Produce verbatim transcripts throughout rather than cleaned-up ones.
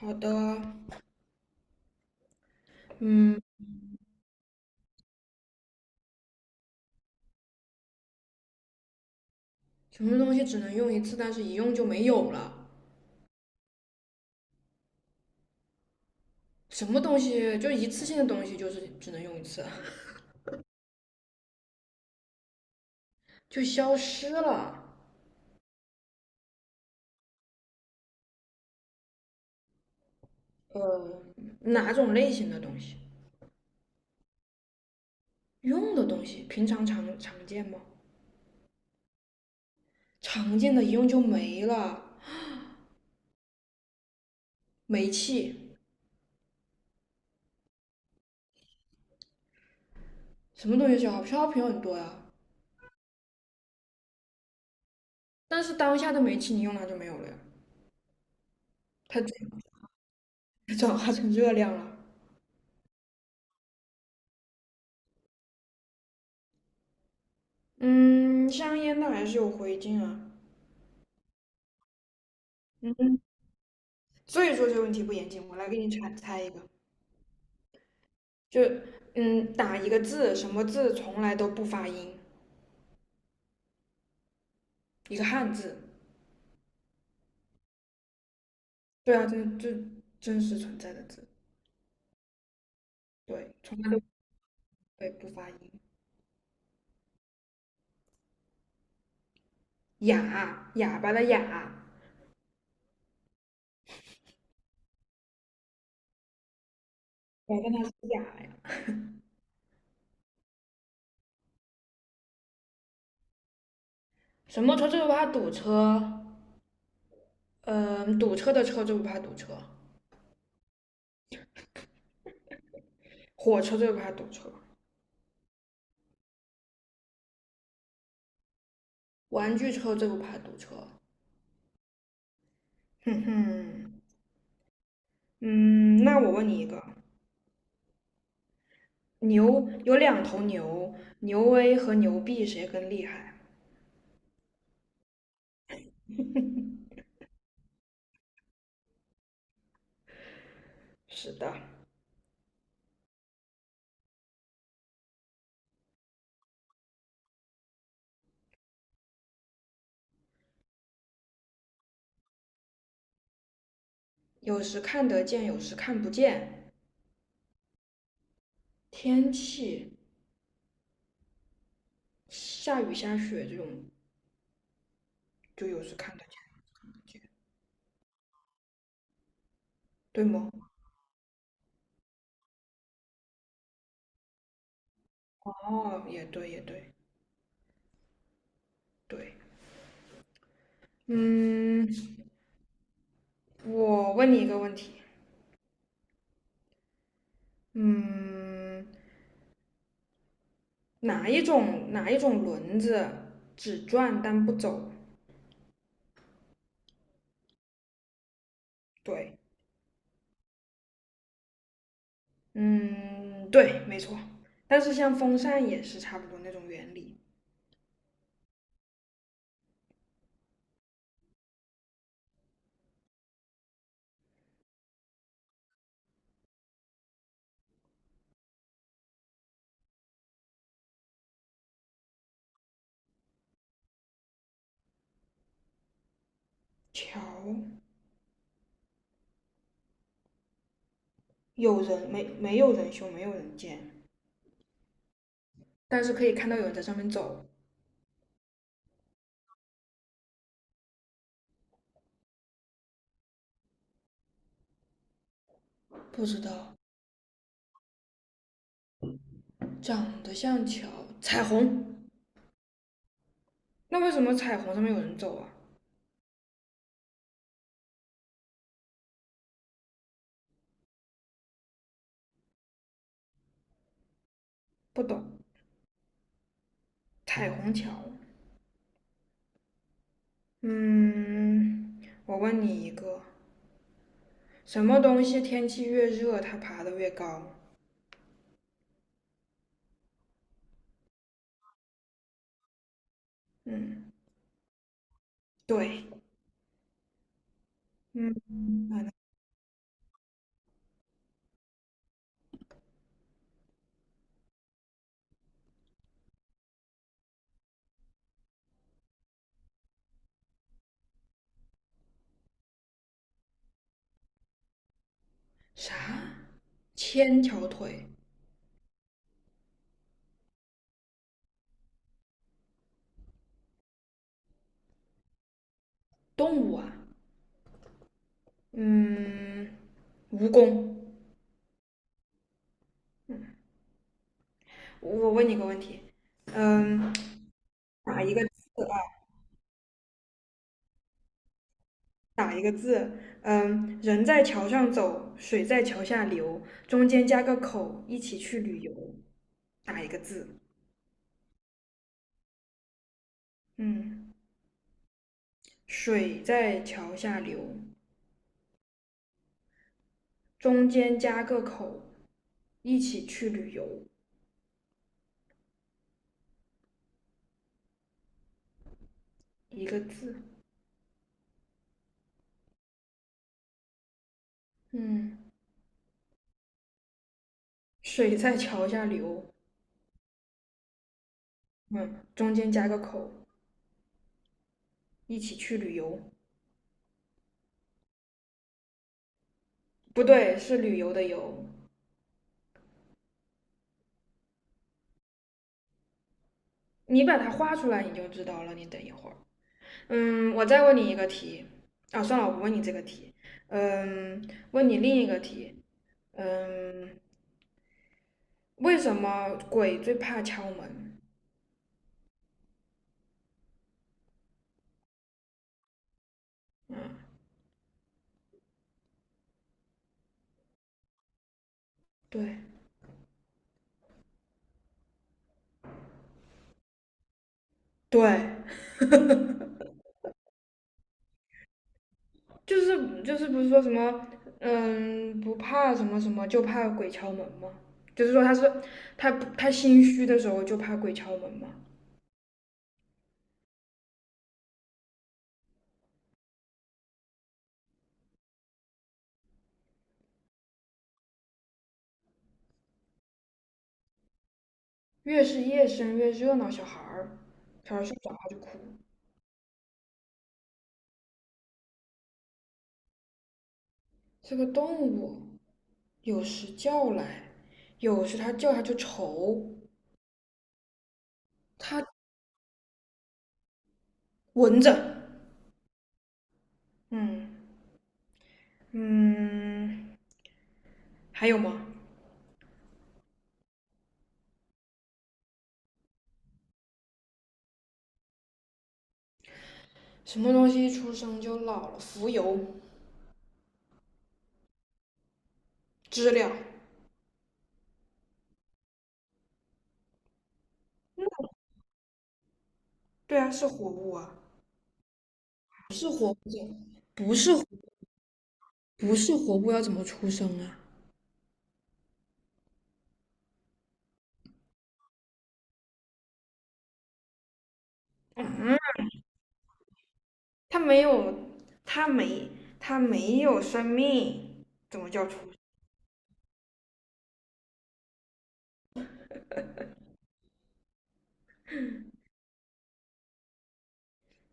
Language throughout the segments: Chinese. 好的，嗯，什么东西只能用一次，但是一用就没有了？什么东西就一次性的东西，就是只能用一次，就消失了？呃，哪种类型的东西？用的东西，平常常常见吗？常见的一用就没了。煤气，什么东西消耗？消耗品很多呀，但是当下的煤气你用它就没有了呀，它转化成热量了。嗯，香烟它还是有灰烬啊。所以说这个问题不严谨，我来给你猜猜一个。就嗯，打一个字，什么字从来都不发音，一个汉字。对啊，真这真实存在的字，对，从来都不会不发音。哑，哑巴的哑，对，但他是哑呀。什么车最不怕堵车？嗯、堵车的车最不怕堵车，火车最不怕堵车，玩具车最不怕堵车。哼哼，嗯，那我问你一个，牛有两头牛，牛 A 和牛 B 谁更厉害？是的。有时看得见，有时看不见。天气下雨下雪这种，就有时看得见，有时看不见对吗？哦，也对，也对，对。嗯，我问你一个问题，嗯，哪一种哪一种轮子只转但不走？对，嗯，对，没错。但是像风扇也是差不多那种原理。桥有人没没有人修，没有人建，但是可以看到有人在上面走。不知道，长得像桥，彩虹。那为什么彩虹上面有人走啊？不懂。彩虹桥。嗯，我问你一个，什么东西天气越热，它爬得越高？嗯，对。嗯，啊啥？千条腿动物啊？嗯，蜈蚣。我问你个问题，嗯，打一个打一个字？嗯，人在桥上走，水在桥下流，中间加个口，一起去旅游。打一个字？嗯，水在桥下流，中间加个口，一起去旅游。一个字。嗯，水在桥下流，嗯，中间加个口，一起去旅游。不对，是旅游的游。你把它画出来，你就知道了。你等一会儿。嗯，我再问你一个题。啊，算了，我不问你这个题。嗯，问你另一个题。嗯，为什么鬼最怕敲门？嗯，对对，就是就是不是说什么嗯不怕什么什么，就怕鬼敲门吗？就是说他是他他心虚的时候就怕鬼敲门吗？越是夜深越热闹，小孩儿小孩儿睡不着他就哭。这个动物有时叫来，有时他叫他就愁。它闻着，嗯，嗯，还有吗？什么东西一出生就老了？浮游知了，对啊，是活物啊。不是不是活物要怎么出生啊？嗯，它没有，它没，它没有生命，怎么叫出生？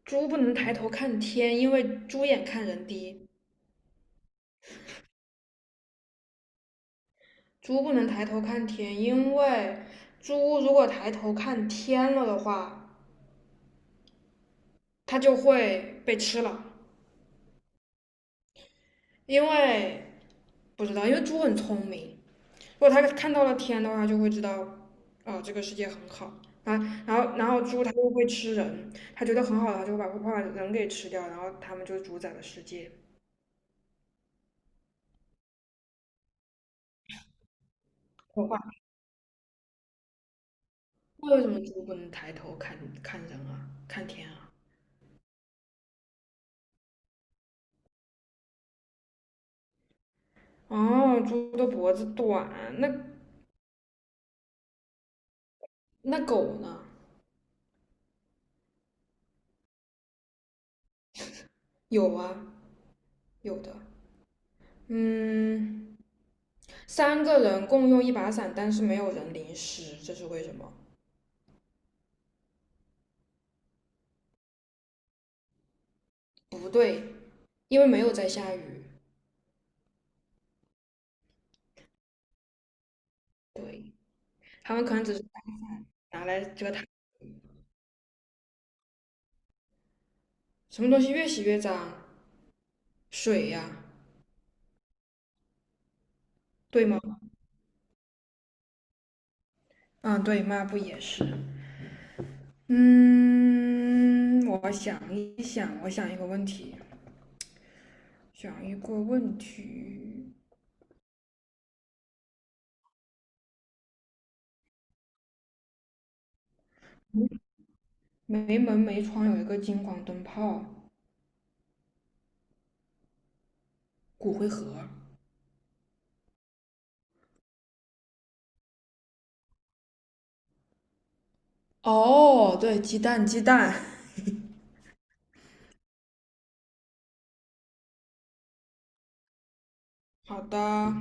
猪不能抬头看天，因为猪眼看人低。猪不能抬头看天，因为猪如果抬头看天了的话，它就会被吃了。因为不知道，因为猪很聪明，如果它看到了天的话，就会知道，哦，这个世界很好。啊，然后然后猪它又会吃人，它觉得很好的，它就会把会把人给吃掉，然后它们就主宰了世界。说话，那为什么猪不能抬头看看人啊，看天啊？哦，猪的脖子短，那那狗呢？有啊，有的。嗯，三个人共用一把伞，但是没有人淋湿，这是为什么？不对，因为没有在下雨。对。他们可能只是拿来遮腾。什么东西越洗越脏？水呀，对吗？嗯，对，抹布也是。嗯，我想一想，我想一个问题，想一个问题。没门没窗有一个金黄灯泡，骨灰盒。哦，对，鸡蛋，鸡蛋。好的，